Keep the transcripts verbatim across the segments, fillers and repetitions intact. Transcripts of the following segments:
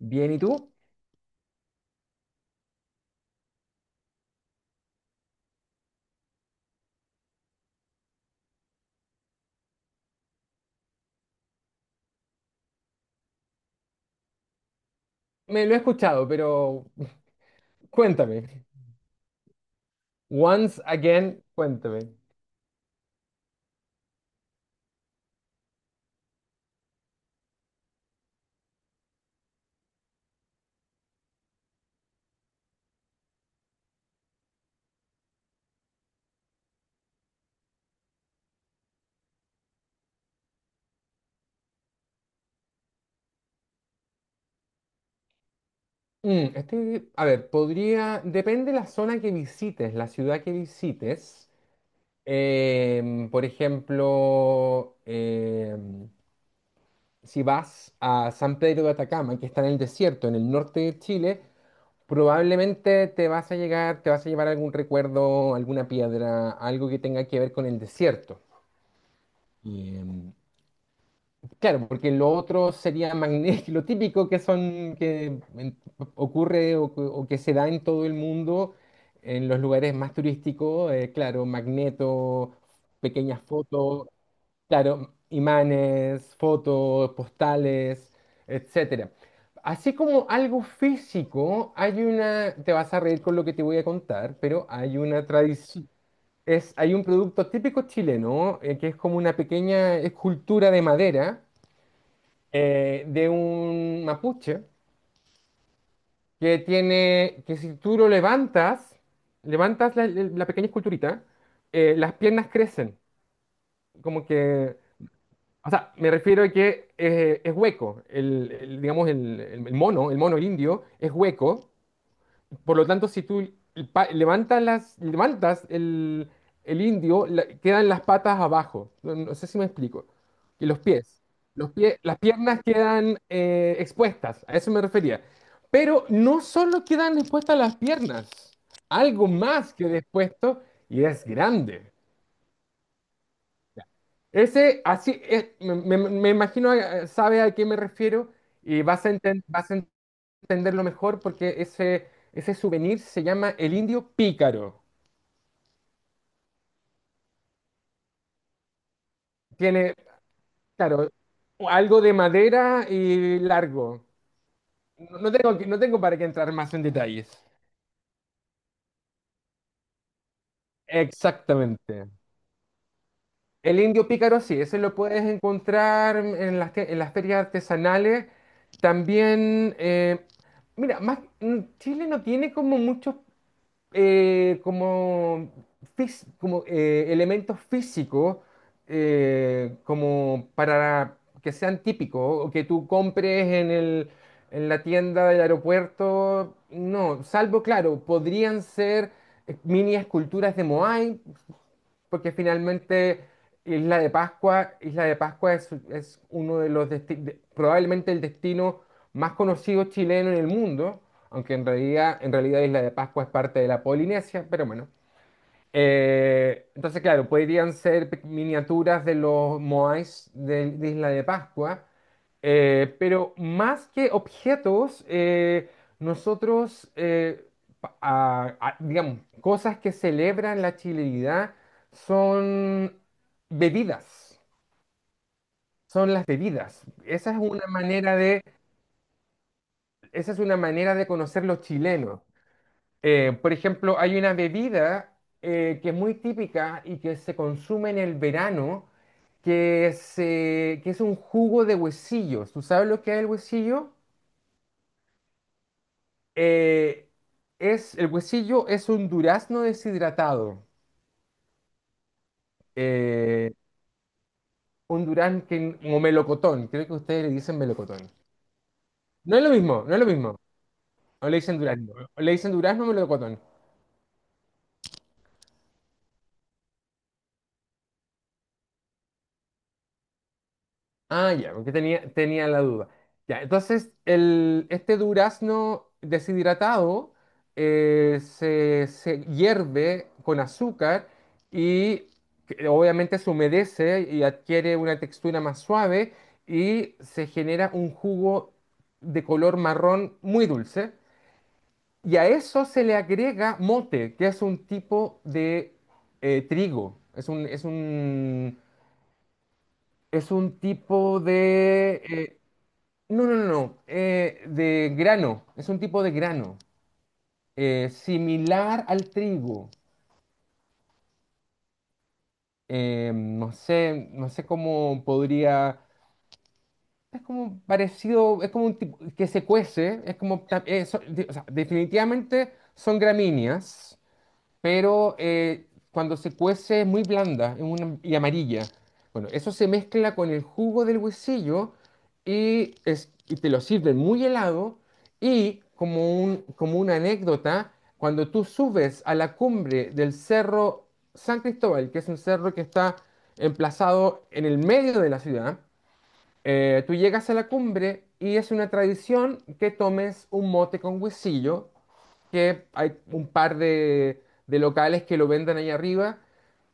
Bien, ¿y tú? Me lo he escuchado, pero cuéntame. Once again, cuéntame. Mm, este- a ver, podría, depende la zona que visites, la ciudad que visites. Em, por ejemplo, em, si vas a San Pedro de Atacama, que está en el desierto, en el norte de Chile, probablemente te vas a llegar, te vas a llevar algún recuerdo, alguna piedra, algo que tenga que ver con el desierto. Em, Claro, porque lo otro sería magnético, lo típico que son, que en- ocurre o, que o que se da en todo el mundo, en los lugares más turísticos, eh, claro, magneto, pequeñas fotos, claro, imanes, fotos, postales, etcétera. Así como algo físico, hay una, te vas a reír con lo que te voy a contar, pero hay una tradición. Es, hay un producto típico chileno, eh, que es como una pequeña escultura de madera, eh, de un mapuche, que tiene, que si tú lo levantas, levantas la, la pequeña esculturita, eh, las piernas crecen, como que, o sea, me refiero a que eh, es hueco. El, el- digamos, el, el- el mono, el mono, el indio es hueco. Por lo tanto, si tú pa- levantas las, levantas el, el indio, la- quedan las patas abajo. No, no sé si me explico. Y los pies. Los pies, las piernas quedan, eh, expuestas. A eso me refería. Pero no solo quedan expuestas las piernas. Algo más queda expuesto y es grande. Ese, así, es- me, me- me imagino, eh, sabe a qué me refiero, y vas a, enten- vas a entenderlo mejor porque ese, ese souvenir se llama el indio pícaro. Tiene, claro, algo de madera y largo. No, no tengo, que- no tengo para qué entrar más en detalles. Exactamente. El indio pícaro, sí, ese lo puedes encontrar en las, te- en las ferias artesanales. También, eh, mira, más, mm, Chile no tiene como muchos, eh, como, fis- como eh, elementos físicos, eh, como para que sean típicos o que tú compres en el, en la tienda del aeropuerto. No, salvo, claro, podrían ser, eh, mini esculturas de Moai, porque finalmente Isla de Pascua, Isla de Pascua es, es uno de los desti- de- probablemente el destino más conocido chileno en el mundo, aunque en realidad, en realidad Isla de Pascua es parte de la Polinesia, pero bueno. Eh, entonces, claro, podrían ser, pe- miniaturas de los Moais de, de Isla de Pascua, eh, pero más que objetos, eh, nosotros, eh, pa- a- a- digamos, cosas que celebran la chilenidad son bebidas, son las bebidas. Esa es una manera de, esa es una manera de conocer los chilenos. Eh, por ejemplo, hay una bebida, eh, que es muy típica y que se consume en el verano, que es, eh, que es un jugo de huesillos. ¿Tú sabes lo que es el huesillo? Eh, es, el huesillo es un durazno deshidratado, eh, un durazno que, o melocotón, creo que ustedes le dicen melocotón. No es lo mismo, no es lo mismo. O le dicen durazno, o le dicen durazno o melocotón. Ah, ya, porque tenía, tenía la duda. Ya, entonces el, este durazno deshidratado, eh, se, se hierve con azúcar y, que obviamente se humedece y adquiere una textura más suave, y se genera un jugo de color marrón muy dulce. Y a eso se le agrega mote, que es un tipo de, eh, trigo. Es un, es un, es un tipo de... eh, no, no, no, no. Eh, de grano. Es un tipo de grano, eh, similar al trigo. Eh, no sé, no sé cómo podría. Es como parecido, es como un tipo que se cuece. Es como, ta- eh, so- de- o sea, definitivamente son gramíneas. Pero, eh, cuando se cuece es muy blanda, es una- y amarilla. Bueno, eso se mezcla con el jugo del huesillo y, es- y te lo sirven muy helado. Y como un, como una anécdota, cuando tú subes a la cumbre del cerro San Cristóbal, que es un cerro que está emplazado en el medio de la ciudad, eh, tú llegas a la cumbre y es una tradición que tomes un mote con huesillo, que hay un par de, de locales que lo venden ahí arriba.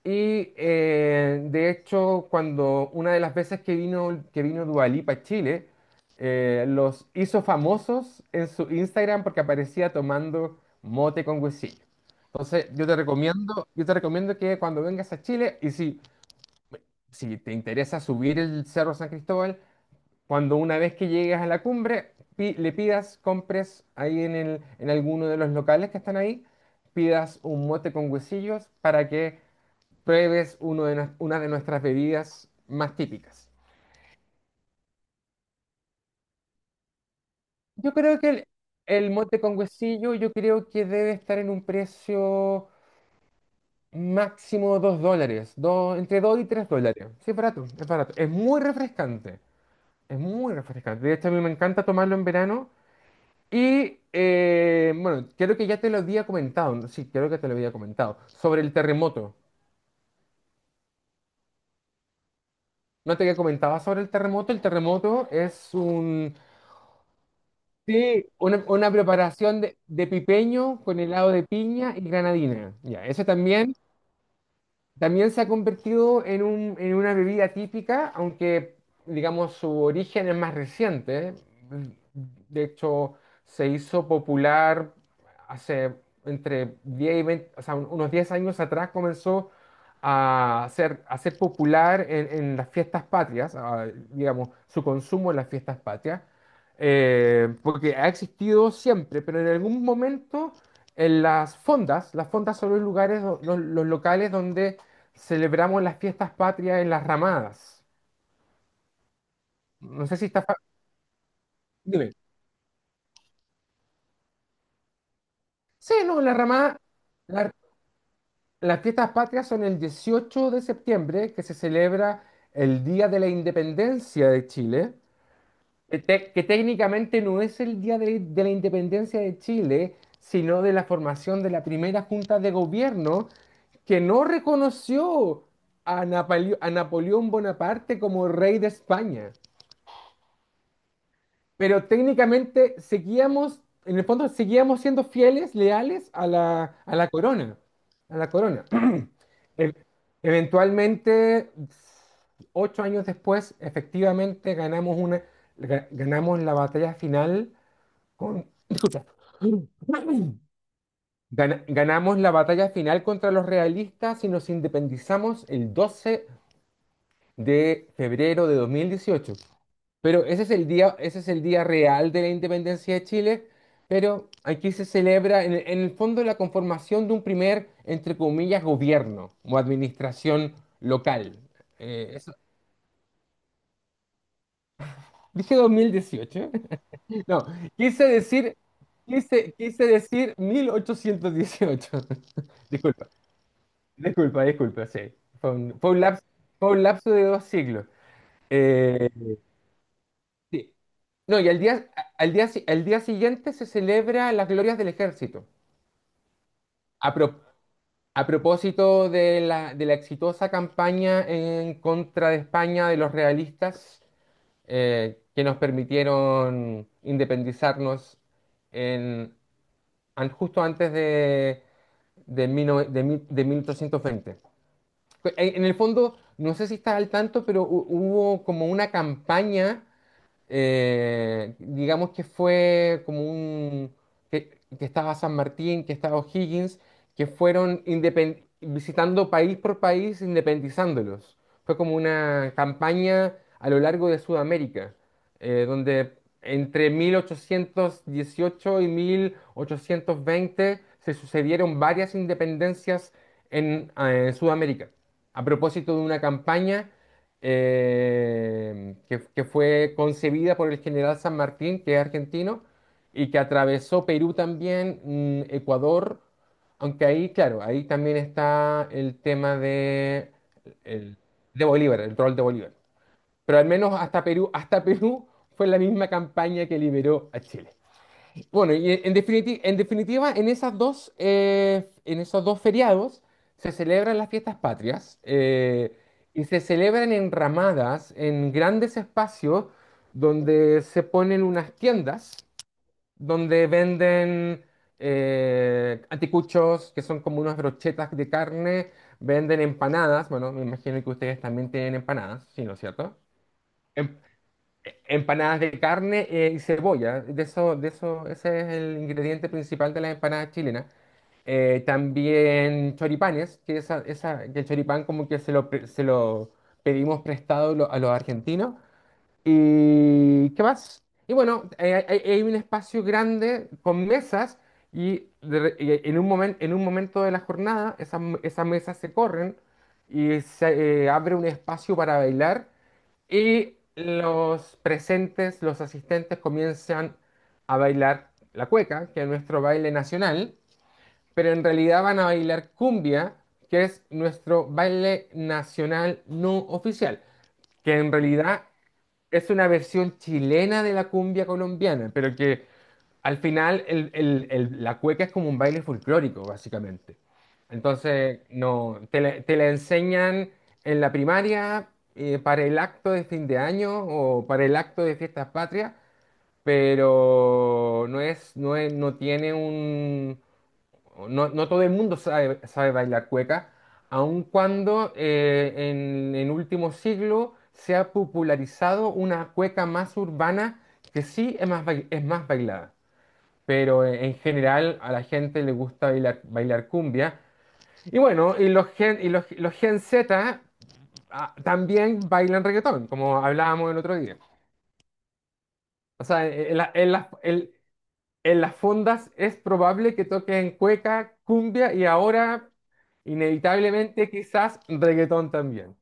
Y, eh, de hecho, cuando una de las veces que vino, que vino Dua Lipa a Chile, eh, los hizo famosos en su Instagram porque aparecía tomando mote con huesillo. Entonces, yo te recomiendo, yo te recomiendo que cuando vengas a Chile, y si, si te interesa subir el Cerro San Cristóbal, cuando una vez que llegues a la cumbre, pi- le pidas, compres ahí en el, en alguno de los locales que están ahí, pidas un mote con huesillos para que pruebes uno de, nues- una de nuestras bebidas más típicas. Yo creo que el, el mote con huesillo, yo creo que debe estar en un precio máximo dos dólares, dos- entre dos y tres dólares. Sí, es barato, es barato. Es muy refrescante, es muy refrescante. De hecho, a mí me encanta tomarlo en verano. Y, eh, bueno, creo que ya te lo había comentado, ¿no? Sí, creo que te lo había comentado, sobre el terremoto. No te había comentado sobre el terremoto. El terremoto es un, sí, una, una preparación de, de pipeño con helado de piña y granadina. Ya, eso también, también se ha convertido en un- en una bebida típica, aunque digamos su origen es más reciente. De hecho, se hizo popular hace entre diez y veinte, o sea, un- unos diez años atrás, comenzó a ser, a ser popular en, en las fiestas patrias, a- digamos, su consumo en las fiestas patrias, eh, porque ha existido siempre, pero en algún momento, en las fondas. Las fondas son los lugares, do- los, los locales donde celebramos las fiestas patrias, en las ramadas. No sé si está... fa- Dime. Sí, no, la ramada, la- las fiestas patrias son el dieciocho de septiembre de septiembre, que se celebra el Día de la Independencia de Chile, que, tec- que técnicamente no es el Día de, de la Independencia de Chile, sino de la formación de la primera Junta de Gobierno que no reconoció a, Napaleo- a Napoleón Bonaparte como rey de España. Pero técnicamente seguíamos, en el fondo, seguíamos siendo fieles, leales a la, a la corona. A la corona. E- Eventualmente, ocho años después, efectivamente ganamos, una, ga- ganamos la batalla final con... Disculpa. Gana- ganamos la batalla final contra los realistas y nos independizamos el doce de febrero de febrero de dos mil dieciocho. Pero ese es el día, ese es el día real de la independencia de Chile, pero aquí se celebra, en, el en el fondo, la conformación de un primer, entre comillas, gobierno o administración local. Eh, eso- Dije dos mil dieciocho. No, quise decir, quise, quise decir mil ochocientos dieciocho. Disculpa, disculpa, disculpa, sí. Fue un, fue un laps- Fue un lapso de dos siglos. Eh, Sí. No, y al día, al día, si- al día siguiente se celebra las glorias del ejército. A, pro- a propósito de la, de la exitosa campaña en contra de España de los realistas, eh, que nos permitieron independizarnos en, an- justo antes de, de, mil nove- de mil- de mil ochocientos veinte. En, en el fondo, no sé si estás al tanto, pero hu- hubo como una campaña, eh, digamos, que fue como un, que, que estaba San Martín, que estaba O'Higgins, que fueron, independ- visitando país por país, independizándolos. Fue como una campaña a lo largo de Sudamérica, eh, donde entre mil ochocientos dieciocho y mil ochocientos veinte se sucedieron varias independencias en, eh, Sudamérica, a propósito de una campaña, eh, que, que fue concebida por el general San Martín, que es argentino, y que atravesó Perú también, mm, Ecuador, aunque ahí, claro, ahí también está el tema de, el- de Bolívar, el rol de Bolívar. Pero al menos hasta Perú, hasta Perú fue la misma campaña que liberó a Chile. Bueno, y en definitiva, en definitiva, en esas dos, eh, en esos dos feriados se celebran las fiestas patrias, eh, y se celebran en ramadas, en grandes espacios donde se ponen unas tiendas donde venden, eh, anticuchos, que son como unas brochetas de carne, venden empanadas, bueno, me imagino que ustedes también tienen empanadas, ¿sí, no es cierto? Em- Empanadas de carne, eh, y cebolla, de eso, de eso, ese es el ingrediente principal de las empanadas chilenas. Eh, también choripanes, que, esa, esa, que el choripán como que se lo, pre- se lo pedimos prestado, lo- a los argentinos. ¿Y qué más? Y bueno, eh, hay, hay un espacio grande con mesas y, de re- y en un momen- en un momento de la jornada, esas, esas mesas se corren y se, eh, abre un espacio para bailar, y los presentes, los asistentes comienzan a bailar la cueca, que es nuestro baile nacional, pero en realidad van a bailar cumbia, que es nuestro baile nacional no oficial, que en realidad es una versión chilena de la cumbia colombiana, pero que al final, el- el- el- la cueca es como un baile folclórico, básicamente. Entonces, no, te, la te la enseñan en la primaria, eh, para el acto de fin de año o para el acto de fiestas patrias, pero no es, no es- no tiene un, no, no todo el mundo sabe, sabe bailar cueca, aun cuando, eh, en, en último siglo se ha popularizado una cueca más urbana que sí es más, bail- es más bailada, pero, eh, en general a la gente le gusta bailar, bailar cumbia. Y bueno, y los gen, y los, los gen zeta, ah, también bailan reggaetón, como hablábamos el otro día. O sea, en, la- en las, en- en las fondas es probable que toquen cueca, cumbia y ahora, inevitablemente, quizás reggaetón también.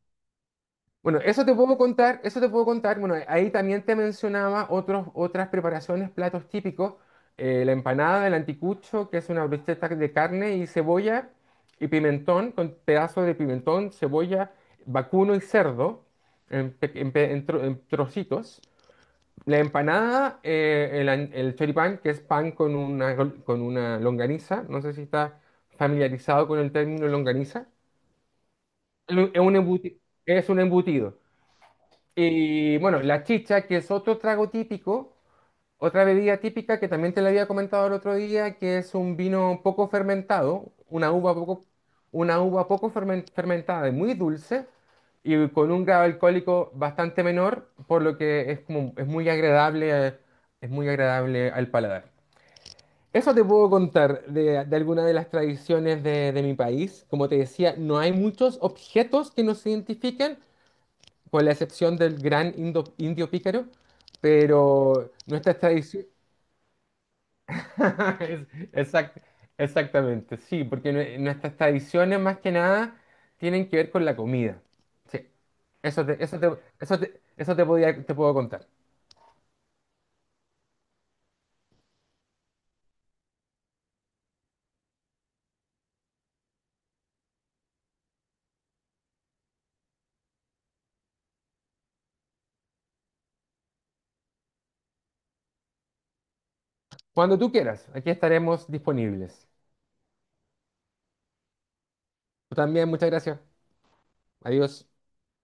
Bueno, eso te puedo contar, eso te puedo contar. Bueno, ahí también te mencionaba otros, otras preparaciones, platos típicos. Eh, la empanada, del anticucho, que es una brocheta de carne y cebolla y pimentón, con pedazos de pimentón, cebolla, vacuno y cerdo en, pe- en pe- en tro- en trocitos. La empanada, eh, el, an- el choripán, que es pan con una, gol- con una longaniza. No sé si estás familiarizado con el término longaniza. Es un embuti- es un embutido. Y bueno, la chicha, que es otro trago típico, otra bebida típica que también te la había comentado el otro día, que es un vino poco fermentado, una uva poco, una uva poco fermen- fermentada y muy dulce, y con un grado alcohólico bastante menor, por lo que es como, es muy agradable, eh, es muy agradable al paladar. Eso te puedo contar de, de alguna de las tradiciones de, de mi país. Como te decía, no hay muchos objetos que nos identifiquen, con la excepción del gran, indo- indio pícaro, pero nuestras tradiciones... Es- Exact, Exactamente, sí, porque, nue- nuestras tradiciones más que nada tienen que ver con la comida. Sí, eso te, eso te, eso te, eso te podía- te puedo contar. Cuando tú quieras, aquí estaremos disponibles. Tú también, muchas gracias. Adiós.